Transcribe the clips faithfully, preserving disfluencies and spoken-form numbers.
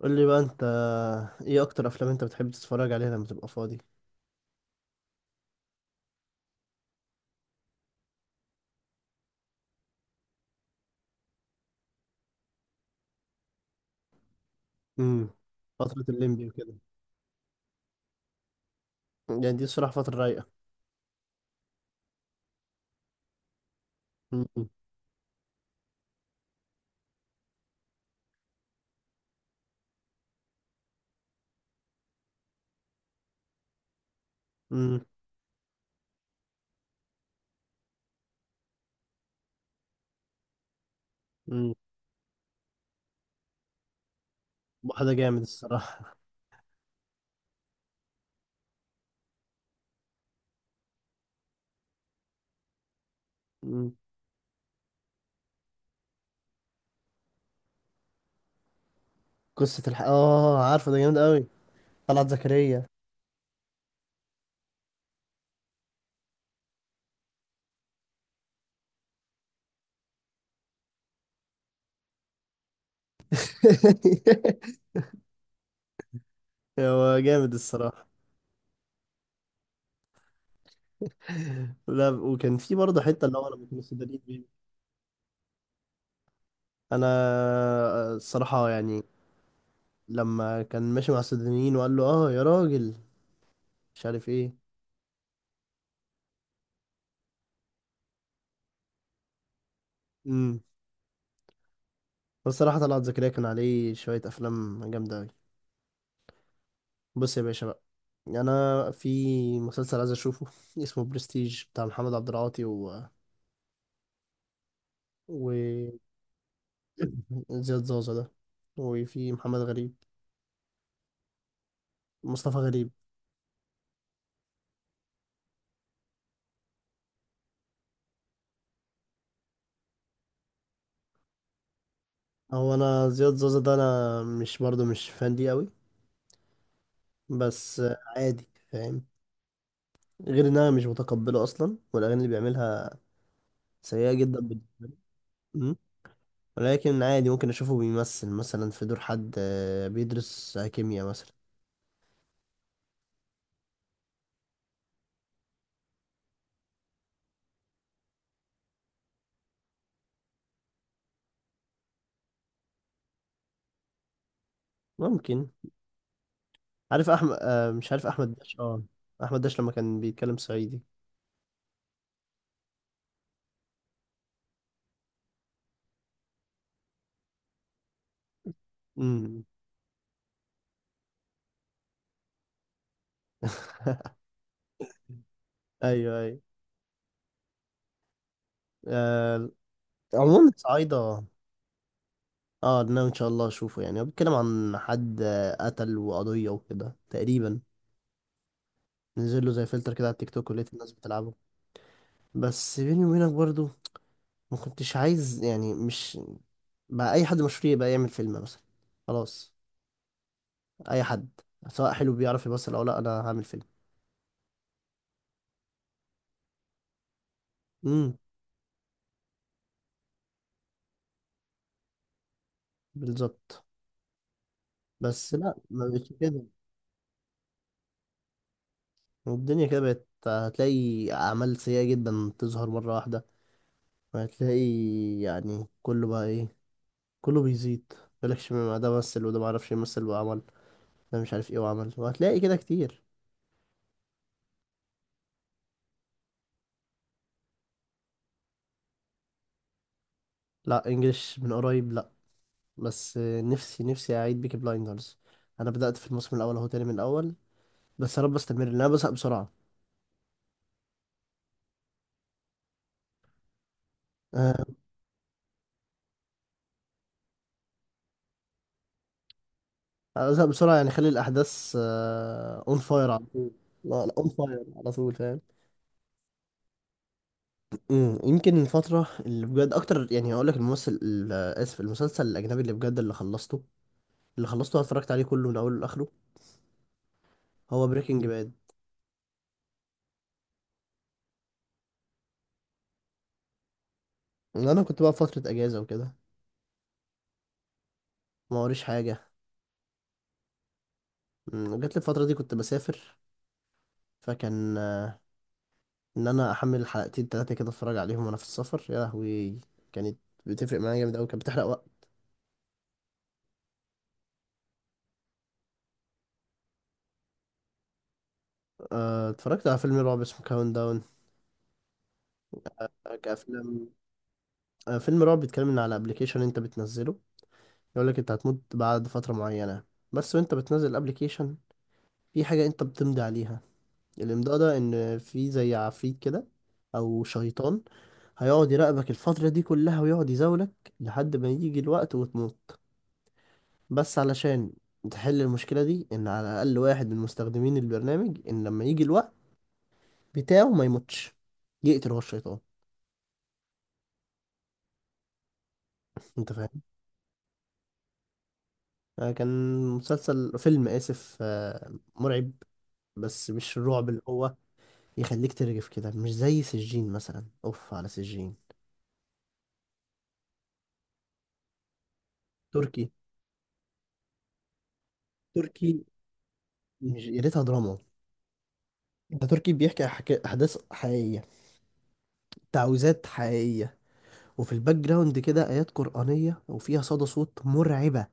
قول لي بقى انت، ايه اكتر افلام انت بتحب تتفرج عليها لما تبقى فاضي؟ امم. فترة الليمبي وكده. يعني دي الصراحة فترة رايقة. امم. امم. امم واحدة جامد الصراحة. امم. قصة الح... اه، عارفه. ده جامد قوي. طلعت زكريا. هو جامد الصراحة. لا، وكان في برضه حتة اللي هو لما كنا السودانيين بيه. انا، آه، الصراحة يعني. لما كان ماشي مع السودانيين وقال له اه يا راجل، مش عارف ايه. مم. الصراحة طلعت زكريا كان عليه شوية أفلام جامدة أوي. بص يا باشا بقى، أنا في مسلسل عايز أشوفه. اسمه برستيج بتاع محمد عبد العاطي و... و زياد زازا ده. وفي محمد غريب، مصطفى غريب. هو أنا زياد زازا ده، أنا مش، برضه مش فان ليه أوي، بس. عادي فاهم، غير إن أنا مش متقبله أصلا، والأغاني اللي بيعملها سيئة جدا بالنسبة لي. مم. ولكن عادي، ممكن أشوفه بيمثل مثلا في دور حد، آه، بيدرس كيمياء مثلا. ممكن. عارف احمد، آه مش عارف احمد داش. اه، احمد داش لما كان بيتكلم صعيدي. امم. ايوه، ايوه. آه. عموما صعيدة. اه، ناوي ان شاء الله اشوفه. يعني هو بيتكلم عن حد، آه، قتل وقضية وكده تقريبا. نزل له زي فلتر كده على التيك توك ولقيت الناس بتلعبه. بس بيني وبينك برضو، ما كنتش عايز يعني، مش، بقى اي حد مشهور يبقى يعمل فيلم مثلا. خلاص، اي حد، سواء حلو بيعرف يمثل او لا، انا هعمل فيلم. امم. بالظبط. بس لا، ما بقتش كده. الدنيا كده بقت، هتلاقي أعمال سيئة جدا تظهر مرة واحدة، وهتلاقي يعني كله بقى إيه، كله بيزيد. مالكش، ما ده مثل وده معرفش يمثل وعمل، ده مش عارف إيه وعمل، وهتلاقي كده كتير. لا، إنجلش من قريب لا. بس نفسي نفسي أعيد بيكي بلايندرز. أنا بدأت في الموسم الأول أهو تاني من الأول. بس يا رب أستمر لأن أنا بزهق بسرعة. آه، أنا بزهق بسرعة يعني، خلي الأحداث أون فاير على طول. لا، لا، أون فاير على طول، فاهم. امم يمكن الفترة اللي بجد أكتر، يعني هقول لك الممثل ال- آسف، المسلسل الأجنبي اللي بجد اللي خلصته اللي خلصته أنا اتفرجت عليه كله من أوله لآخره، هو بريكنج باد. أنا كنت بقى في فترة أجازة وكده. ما وريش حاجة. أمم، جات لي الفترة دي كنت بسافر. فكان آه، إن أنا أحمل حلقتين تلاتة كده أتفرج عليهم وأنا في السفر. يا لهوي كانت بتفرق معايا جامد أوي، كانت بتحرق وقت. آه، اتفرجت على فيلم رعب اسمه كاونت داون. كأفلام، آه، فيلم رعب بيتكلم إن على أبلكيشن أنت بتنزله، يقول لك انت هتموت بعد فترة معينة. بس وانت بتنزل الابليكيشن، في حاجة انت بتمضي عليها. الامضاء ده ان في زي عفريت كده، او شيطان. هيقعد يراقبك الفترة دي كلها ويقعد يزاولك لحد ما يجي الوقت وتموت. بس علشان تحل المشكلة دي، ان على الاقل واحد من مستخدمين البرنامج، ان لما يجي الوقت بتاعه ما يموتش، يقتل هو الشيطان. انت فاهم. آه، كان مسلسل، فيلم، اسف، آه، مرعب. بس مش الرعب اللي هو يخليك ترجف كده، مش زي سجين مثلا. اوف على سجين. تركي. تركي، مش يا ريتها دراما. ده تركي بيحكي أحك- احداث حقيقيه، تعويذات حقيقيه. وفي الباك جراوند كده ايات قرانيه وفيها صدى صوت مرعبه.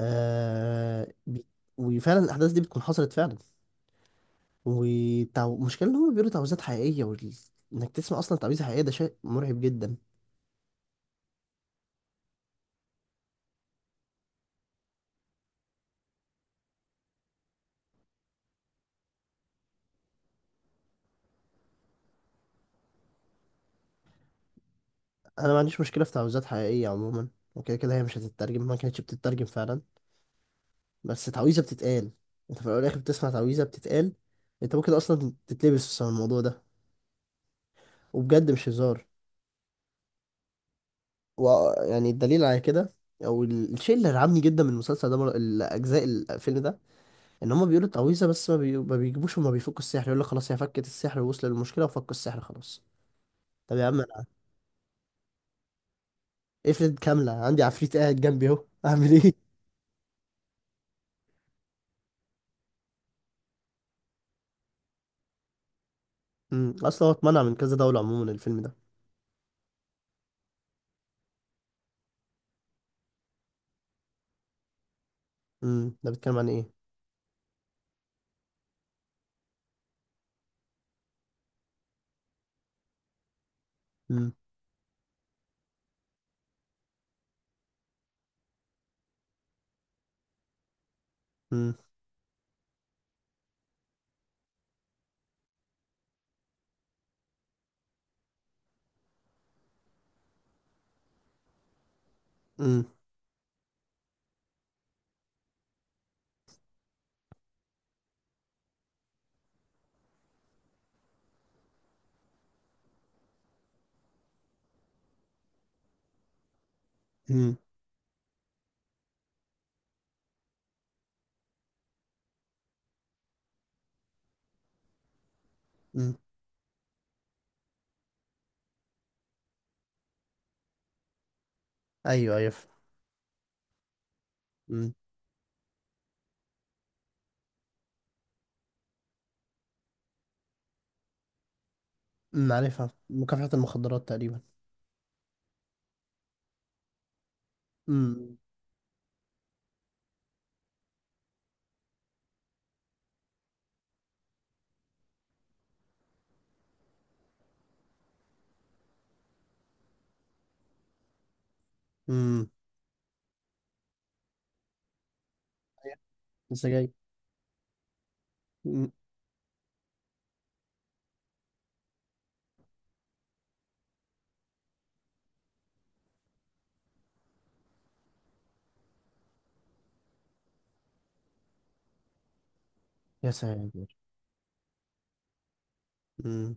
آه بي... وفعلا الاحداث دي بتكون حصلت فعلا. والمشكله ان هم بيقولوا تعويذات حقيقيه، وال... انك تسمع اصلا تعويذه حقيقيه، ده شيء مرعب جدا. انا ما عنديش مشكله في تعويذات حقيقيه عموما. وكده كده هي مش هتترجم، ما كانتش بتترجم فعلا. بس تعويذة بتتقال، انت في الاول والاخر بتسمع تعويذة بتتقال. انت ممكن اصلا تتلبس بسبب الموضوع ده، وبجد مش هزار. ويعني الدليل على كده، او ال- الشيء اللي رعبني جدا من المسلسل ده، مر- الاجزاء، الفيلم ده، ان هما بيقولوا التعويذة، بس ما, بي... ما بيجيبوش وما بيفكوا السحر. يقول لك خلاص هي فكت السحر، ووصل للمشكلة وفكوا السحر خلاص. طب يا عم انا افرض كاملة، عندي عفريت قاعد جنبي اهو اعمل ايه؟ امم اصلا هو اتمنع من كذا دولة عموما الفيلم ده. امم ده بيتكلم عن ايه؟ امم. امم. امم. امم. ايوه، ايوه. أمم، عارفها مكافحة المخدرات تقريبا. امم. امم. السجاير. أمم. يا ساتر. امم.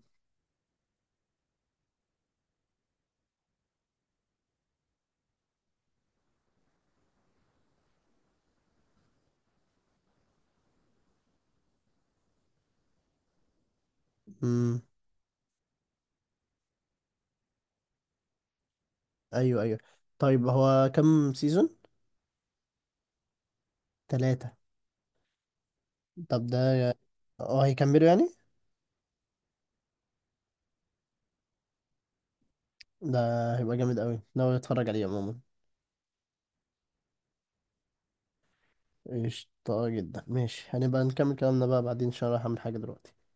امم. ايوه، ايوه. طيب هو كم سيزون؟ ثلاثة. طب ده. اه، هيكملوا يعني. ده هيبقى جامد قوي، ناوي اتفرج عليه عموما. قشطة جدا، ماشي. هنبقى نكمل كلامنا بقى بعدين عشان رايح اعمل حاجة دلوقتي.